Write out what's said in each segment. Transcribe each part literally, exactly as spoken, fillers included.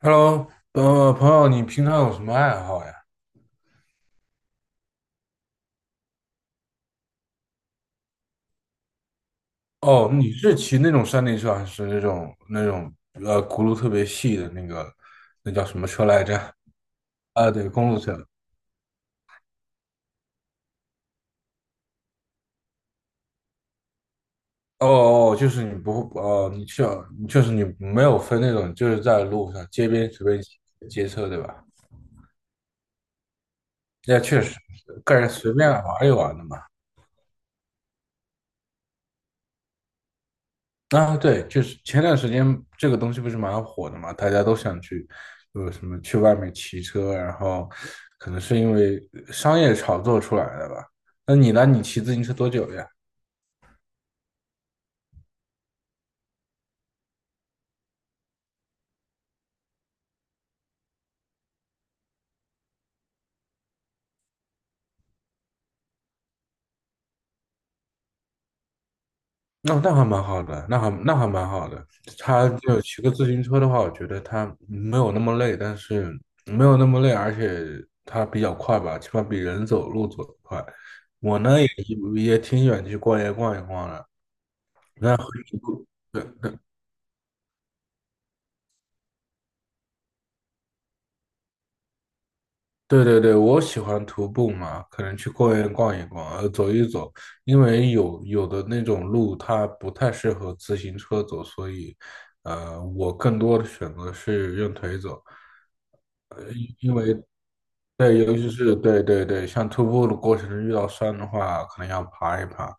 Hello,呃，朋友，你平常有什么爱好呀？哦，你是骑那种山地车，还是那种那种呃轱辘特别细的那个，那叫什么车来着？啊，对，公路车。哦哦，就是你不会哦，你确就是你没有分那种，就是在路上街边随便骑街车，对吧？那确实，个人随便玩一玩的嘛。啊，对，就是前段时间这个东西不是蛮火的嘛，大家都想去，有什么去外面骑车，然后可能是因为商业炒作出来的吧。那你呢？你骑自行车多久了呀？那、那还蛮好的，那还那还蛮好的。他就骑个自行车的话，我觉得他没有那么累，但是没有那么累，而且他比较快吧，起码比人走路走得快。我呢也也挺喜欢去逛街逛一逛的。那和你不对对对，我喜欢徒步嘛，可能去公园逛一逛，呃，走一走，因为有有的那种路它不太适合自行车走，所以，呃，我更多的选择是用腿走，呃，因为，对，尤其是对对对，像徒步的过程中遇到山的话，可能要爬一爬，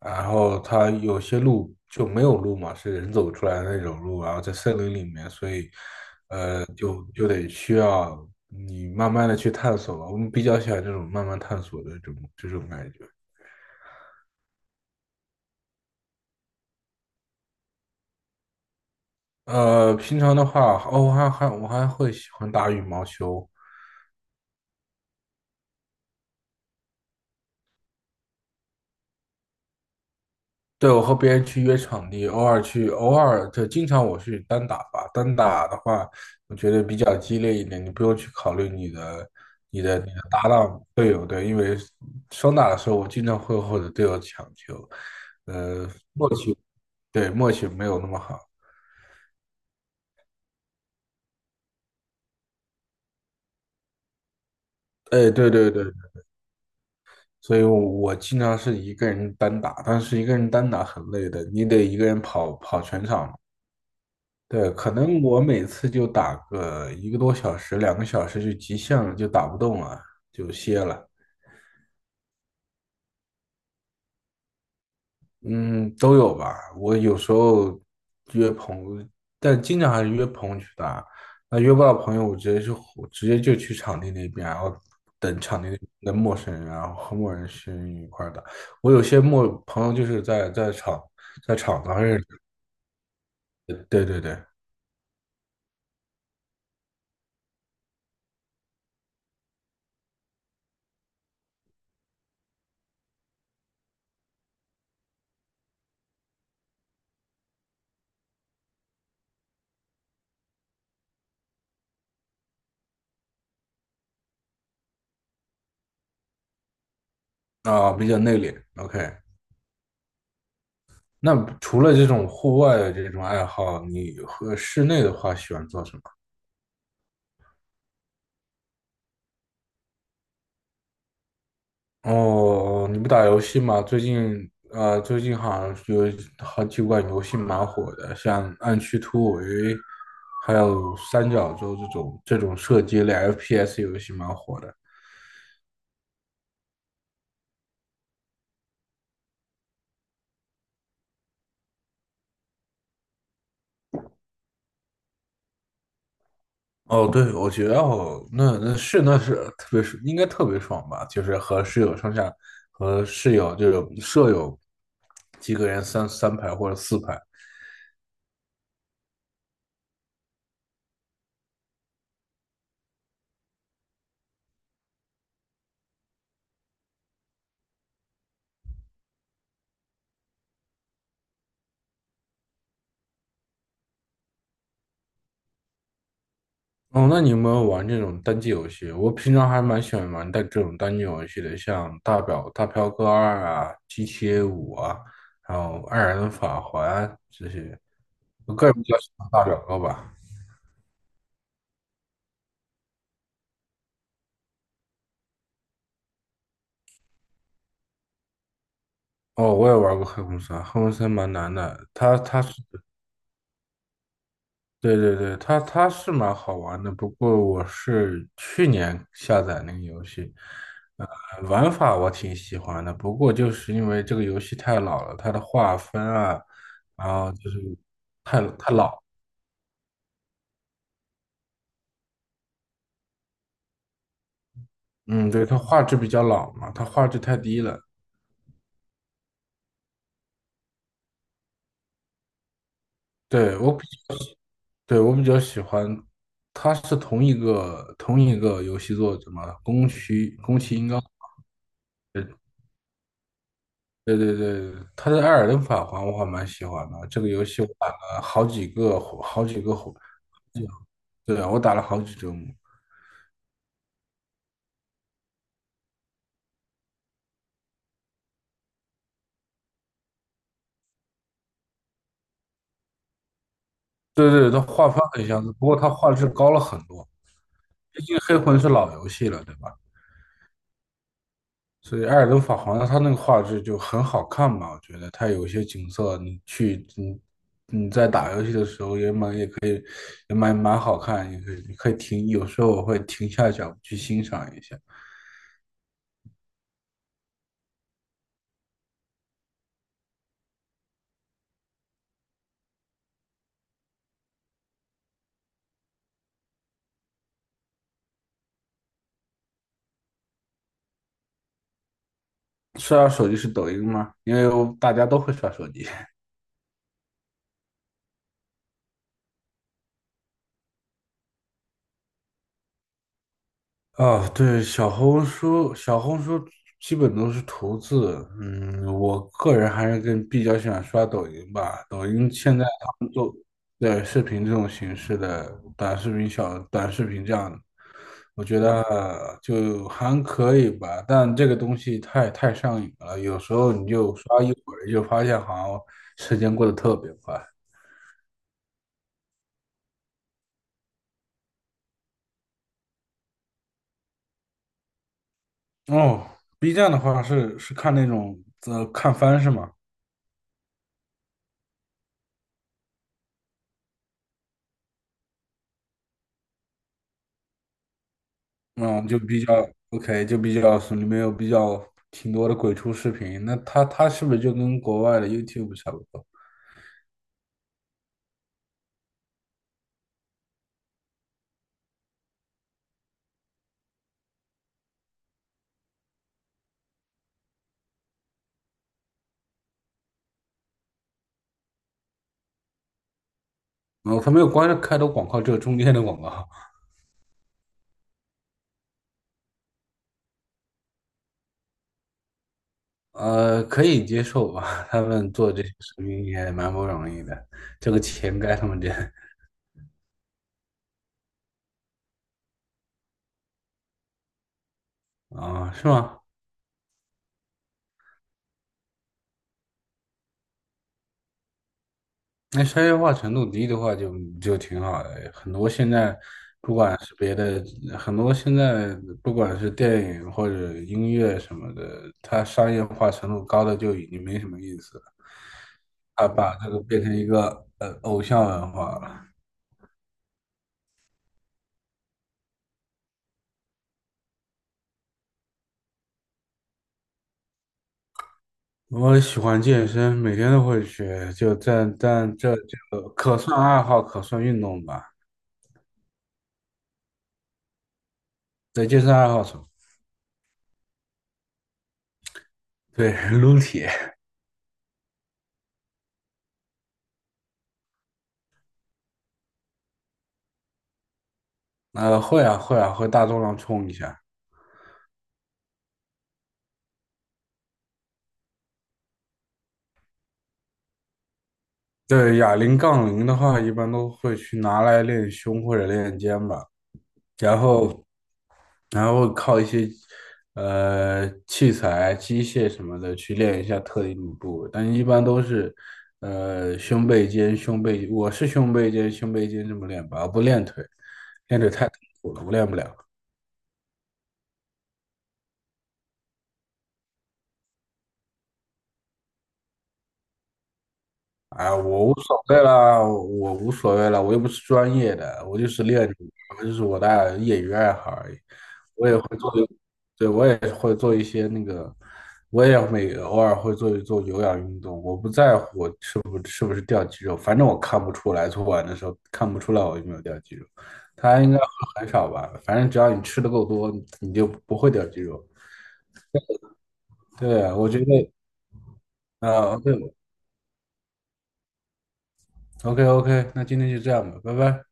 然后它有些路就没有路嘛，是人走出来的那种路，然后在森林里面，所以就就得需要你慢慢的去探索吧。我们比较喜欢这种慢慢探索的这种这种感觉。呃，平常的话，哦，我还还我还会喜欢打羽毛球。对，我和别人去约场地，偶尔去，偶尔就经常我去单打吧。单打的话，我觉得比较激烈一点，你不用去考虑你的、你的、你的搭档队友，对，因为双打的时候，我经常会和我的队友抢球，呃，默契，对，默契没有那么好。哎，对对对，所以我，我经常是一个人单打，但是一个人单打很累的，你得一个人跑跑全场。对，可能我每次就打个一个多小时、两个小时就极限了，就打不动了，就歇了。嗯，都有吧。我有时候约朋友，但经常还是约朋友去打。那约不到朋友，我直接就我直接就去场地那边，然后等场地的陌生人，然后和陌生人一块儿打。我有些陌朋友就是在在场在场子上是。对对对，啊，比较内敛。OK，那除了这种户外的这种爱好，你和室内的话喜欢做什么？哦，你不打游戏吗？最近，呃，最近好像有好几款游戏蛮火的，像《暗区突围》，还有《三角洲》这种这种射击类 F P S 游戏蛮火的。哦，对，我觉得哦，那那是那是特别是应该特别爽吧，就是和室友上下和室友这种舍友几个人三三排或者四排。哦，那你有没有玩这种单机游戏？我平常还蛮喜欢玩但这种单机游戏的，像大表大飘哥二啊、G T A 五啊，还有二人法环这些。我个人比较喜欢大表哥吧。哦，我也玩过黑魂三，黑魂三蛮难的，它它是对对对，它它是蛮好玩的，不过我是去年下载那个游戏，呃，玩法我挺喜欢的，不过就是因为这个游戏太老了，它的画风啊，然后就是太太老，嗯，对，它画质比较老嘛，它画质太低了。对，我比，对，我比较喜欢，它是同一个同一个游戏作者嘛，宫崎宫崎英高。对对对，他的《艾尔登法环》我还蛮喜欢的，这个游戏我打了好几个火好几个对，对啊，我打了好几周目。对对，它画风很相似，不过它画质高了很多，毕竟《黑魂》是老游戏了，对吧？所以《艾尔登法环》它那个画质就很好看嘛。我觉得它有一些景色，你去你你在打游戏的时候也蛮也也蛮蛮好看，你可以你可以停，有时候我会停下脚步去欣赏一下。刷手机是抖音吗？因为我大家都会刷手机。啊，对，小红书，小红书基本都是图字。嗯，我个人还是更比较喜欢刷抖音吧。抖音现在的视频这种形式的短视频小、短视频这样的，我觉得呃就还可以吧。但这个东西太太上瘾了，有时候你就刷一会儿，就发现好像时间过得特别快。哦，B 站的话是是看那种呃看番是吗？嗯，就比较 OK，就比较是里面有比较挺多的鬼畜视频。那它它是不是就跟国外的 YouTube 差不多？哦，它没有关开头广告，只有中间的广告。呃，可以接受吧？他们做这些视频也蛮不容易的，这个钱该他们挣啊，是吗？那商业化程度低的话就，就挺好的。很多现在，不管是别的，很多现在不管是电影或者音乐什么的，它商业化程度高的就已经没什么意思了。它把这个变成一个呃偶像文化了。我喜欢健身，每天都会去，就但但这这个可算爱好，可算运动吧。对，健身爱好者，对，撸铁，啊会啊会啊，会大重量冲一下。对，哑铃、杠铃的话，一般都会去拿来练胸或者练肩吧，然后然后靠一些呃器材、机械什么的去练一下特定的部位，但一般都是呃胸背肩、胸背，我是胸背肩、胸背肩这么练吧，我不练腿，练腿太痛苦了，我练不了。哎，我无所谓啦，我无所谓啦，我又不是专业的，我就是练，我就是我的业余爱好而已。我也会做，对，我也会做一些那个，我也每偶尔会做一做有氧运动。我不在乎我是不是不是掉肌肉，反正我看不出来，做完的时候看不出来我有没有掉肌肉。它应该会很少吧，反正只要你吃的够多，你就不会掉肌肉。对啊，我觉得，啊，对，OK OK，那今天就这样吧，拜拜。